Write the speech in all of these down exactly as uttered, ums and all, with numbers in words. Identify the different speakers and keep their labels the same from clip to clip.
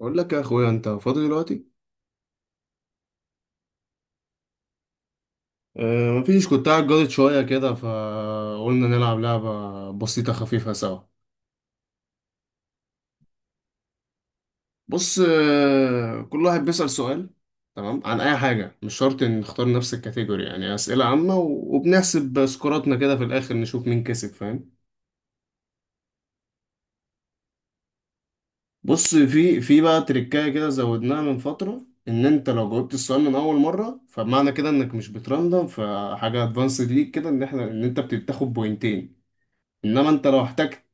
Speaker 1: اقول لك يا اخويا انت فاضي دلوقتي. أه، مفيش، كنت قاعد جاضد شويه كده فقلنا نلعب لعبه بسيطه خفيفه سوا. بص، أه كل واحد بيسأل سؤال. تمام، عن اي حاجه مش شرط ان نختار نفس الكاتيجوري، يعني اسئله عامه و- وبنحسب سكوراتنا كده في الاخر نشوف مين كسب، فاهم؟ بص، في في بقى تريكايه كده زودناها من فتره، ان انت لو جاوبت السؤال من اول مره فمعنى كده انك مش بتراندم، فحاجه ادفانسد ليك كده، ان احنا ان انت بتاخد بوينتين. انما انت لو احتجت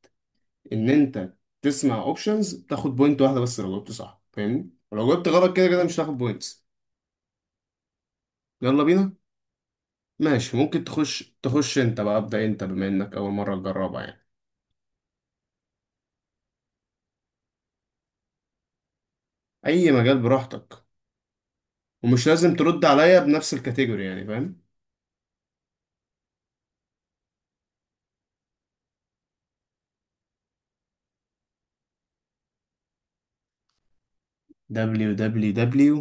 Speaker 1: ان انت تسمع اوبشنز تاخد بوينت واحده، بس لو جاوبت صح، فاهمني، ولو جاوبت غلط كده كده مش هتاخد بوينتس. يلا بينا. ماشي، ممكن تخش تخش انت بقى، ابدا انت بما انك اول مره تجربها يعني. اي مجال براحتك، ومش لازم ترد عليا بنفس الكاتيجوري، يعني فاهم. دبليو دبليو دبليو.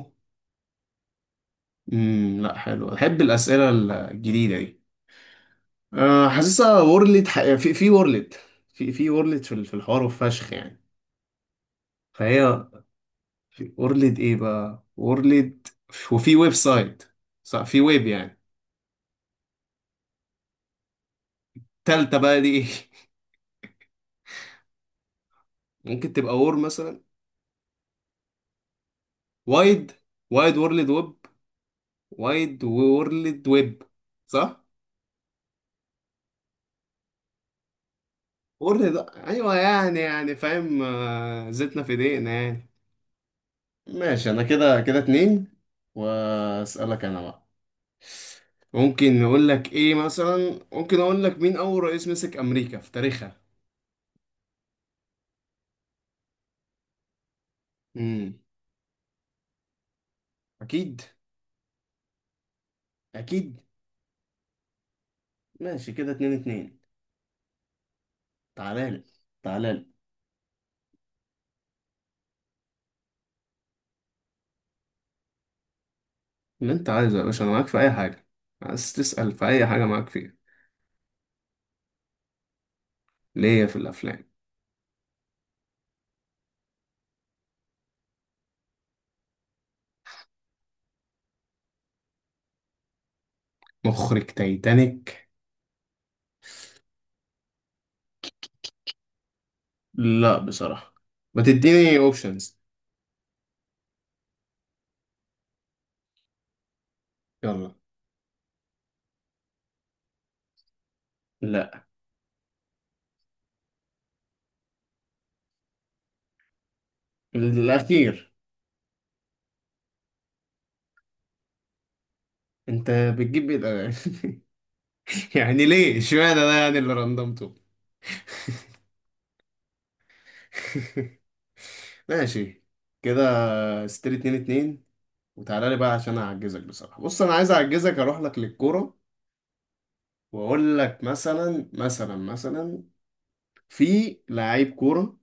Speaker 1: امم لا، حلو، احب الاسئله الجديده دي. أه، حاسسها وورلد، ح... في في وورلد. في في وورلد في ال- في الحوار، وفشخ يعني. فهي في اورليد، ايه بقى اورليد، وفي ويب سايت. صح، في ويب يعني. تالتة بقى دي ايه؟ ممكن تبقى وور مثلا. وايد وايد وورلد ويب. وايد وورلد ويب. صح. وورلد، ايوه، يعني يعني فاهم، آه، زيتنا في ايدينا يعني. ماشي، انا كده كده اتنين. واسألك انا بقى. ممكن نقول لك ايه مثلا ممكن اقول لك مين اول رئيس مسك امريكا في تاريخها؟ امم اكيد، اكيد. ماشي، كده اتنين اتنين. تعالالي، تعالالي. اللي انت عايزه يا باشا، انا معاك في اي حاجه، عايز تسال في اي حاجه معاك فيها. ليا في الافلام. مخرج تايتانيك؟ لا بصراحه، ما تديني اوبشنز. يلا. لا. الاخير. انت بتجيب ايه الأغاني؟ يعني ليه اشمعنى ده يعني اللي رندمته؟ ماشي. كده ستري اتنين اتنين. وتعالى لي بقى عشان اعجزك بصراحه. بص، انا عايز اعجزك اروح لك للكوره واقول لك، مثلا مثلا مثلا في لعيب كوره،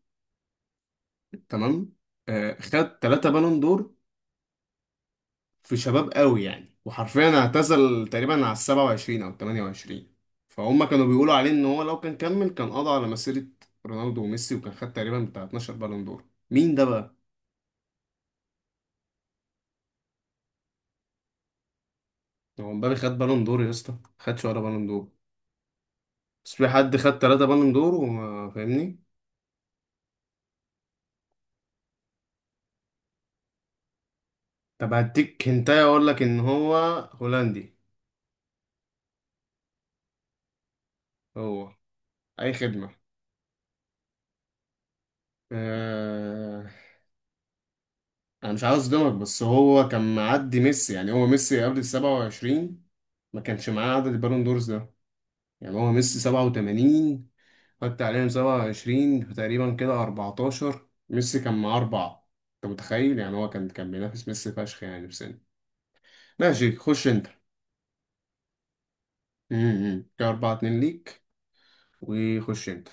Speaker 1: تمام، آه، خد ثلاثة بالون دور. في شباب قوي يعني، وحرفيا اعتزل تقريبا على السبعة وعشرين أو التمانية وعشرين. فهم كانوا بيقولوا عليه إن هو لو كان كمل كان قضى على مسيرة رونالدو وميسي، وكان خد تقريبا بتاع اثناشر بالون دور. مين ده بقى؟ هو مبابي خد بالون دور يا اسطى؟ خدش ولا بالون دور. بس في حد خد ثلاثة بالون دور، وما فاهمني. طب هديك هنتايه، أقول لك إن هو هولندي. هو أي خدمة. آه، انا مش عاوز اصدمك، بس هو كان معدي ميسي، يعني هو ميسي قبل ال السبعة والعشرين ما كانش معاه عدد البالون دورز ده. يعني هو ميسي سبعة وتمانين، حط عليهم سبعة وعشرين فتقريبا كده اربعتاشر، ميسي كان معاه أربعة. أنت متخيل يعني؟ هو كان كان بينافس ميسي فشخ يعني بسنة. ماشي، خش أنت. امم كده اربعة اتنين ليك، وخش أنت.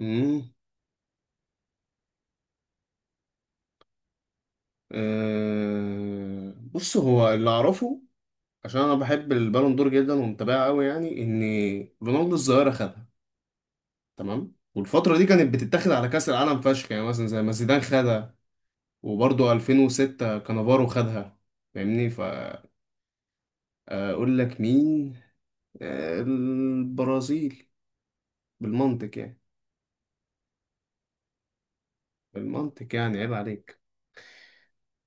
Speaker 1: امم أه... بص، هو اللي أعرفه، عشان أنا بحب البالون دور جدا ومتابعه قوي يعني، إن رونالدو الظاهرة خدها، تمام، والفترة دي كانت بتتاخد على كأس العالم فشخ يعني، مثلا زي ما زيدان خدها، وبرضه الفين وستة كانافارو خدها، فاهمني؟ فأقول لك مين؟ آه، البرازيل، بالمنطق يعني. بالمنطق يعني، عيب عليك.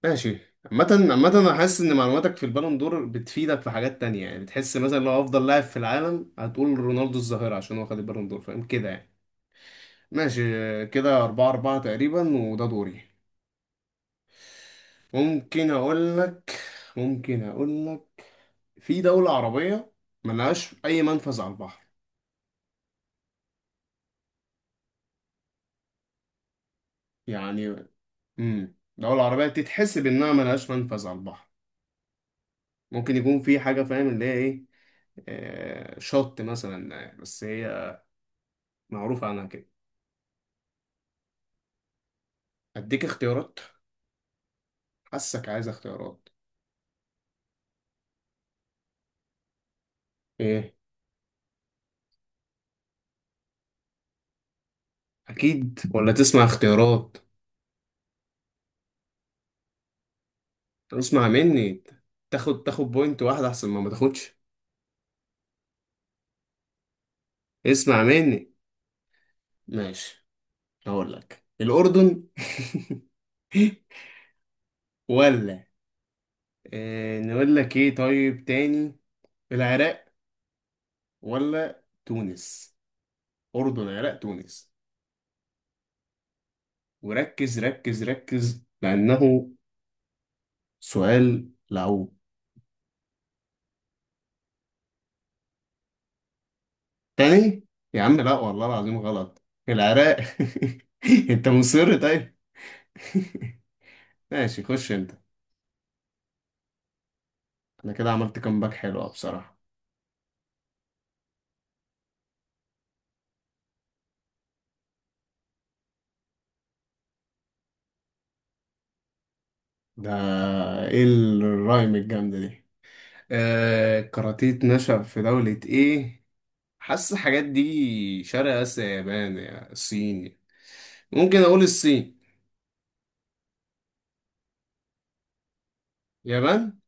Speaker 1: ماشي. عامة عامة أنا حاسس إن معلوماتك في البالون دور بتفيدك في حاجات تانية، يعني بتحس مثلا لو أفضل لاعب في العالم هتقول رونالدو الظاهرة عشان هو خد البالون دور، فاهم كده يعني. ماشي آه، كده أربعة أربعة تقريبا، وده دوري. ممكن اقول لك ممكن اقول لك، في دولة عربية ملهاش اي منفذ على البحر يعني. امم دولة عربية تتحسب انها ملهاش منفذ على البحر. ممكن يكون في حاجة، فاهم اللي هي ايه، آه، شط مثلا، آه، بس هي معروفة عنها كده. اديك اختيارات؟ حاسك عايز اختيارات. ايه؟ اكيد ولا تسمع اختيارات؟ اسمع مني، تاخد تاخد بوينت واحدة احسن ما ما تاخدش. اسمع مني. ماشي، هقول لك الأردن. ولا، آه، نقول لك ايه طيب تاني، العراق، ولا تونس. أردن، عراق، تونس. وركز، ركز، ركز، لأنه سؤال لعوب. تاني. يا عم لا، والله العظيم غلط. العراق. انت مصر طيب. ماشي، خش انت. انا كده عملت كامباك حلوة بصراحة. ده ايه الرايم الجامدة دي؟ آه، كاراتيه نشأ في دولة ايه. حاسس الحاجات دي شرق اسيا، يابان يا الصين. ممكن اقول الصين. يابان.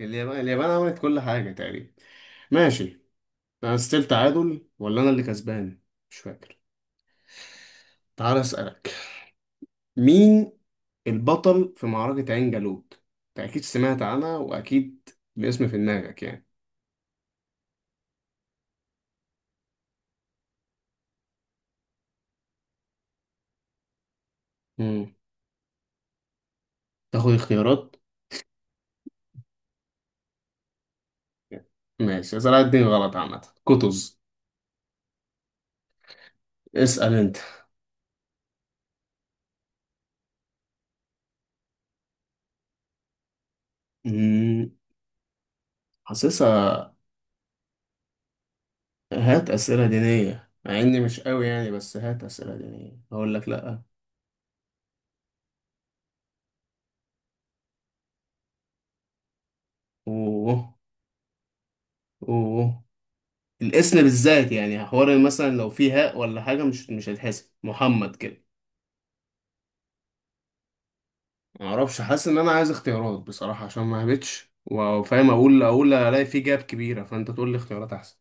Speaker 1: اليابان اليابان عملت كل حاجة تقريبا. ماشي. انا ستيل تعادل ولا انا اللي كسبان؟ مش فاكر. تعال اسألك، مين البطل في معركة عين جالوت؟ انت اكيد سمعت عنها، واكيد الاسم في دماغك يعني. مم. تاخد اختيارات؟ ماشي، صلاح الدين غلط عامة. كتز. اسأل انت. مم. حاسسها. هات أسئلة دينية، مع إني مش قوي يعني، بس هات أسئلة دينية هقول لك لأ. أوه. أوه. الاسم بالذات يعني، حوار مثلا لو فيه هاء ولا حاجة مش مش هيتحسب محمد كده. معرفش، حاسس إن أنا عايز اختيارات بصراحة، عشان ما هبتش وفاهم أقول أقول ألاقي فيه جاب كبيرة، فأنت تقول لي اختيارات أحسن.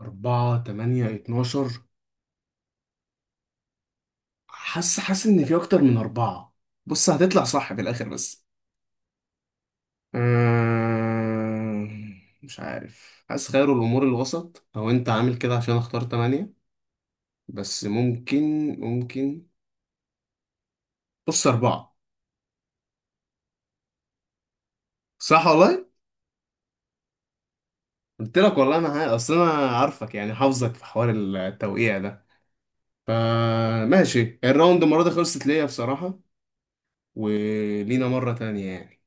Speaker 1: أربعة، تمانية، اتناشر. حاسس حاسس إن في أكتر من أربعة. بص هتطلع صح في الآخر بس. أمم، مش عارف، حاسس خير الأمور الوسط، أو أنت عامل كده عشان أختار تمانية. بس ممكن ممكن، بص، أربعة. صح والله. قلت لك والله، أنا عا- أصل أنا عارفك يعني، حافظك في حوار التوقيع ده. فماشي، الراوند المرة دي خلصت ليا بصراحة. ولينا مرة تانية يعني.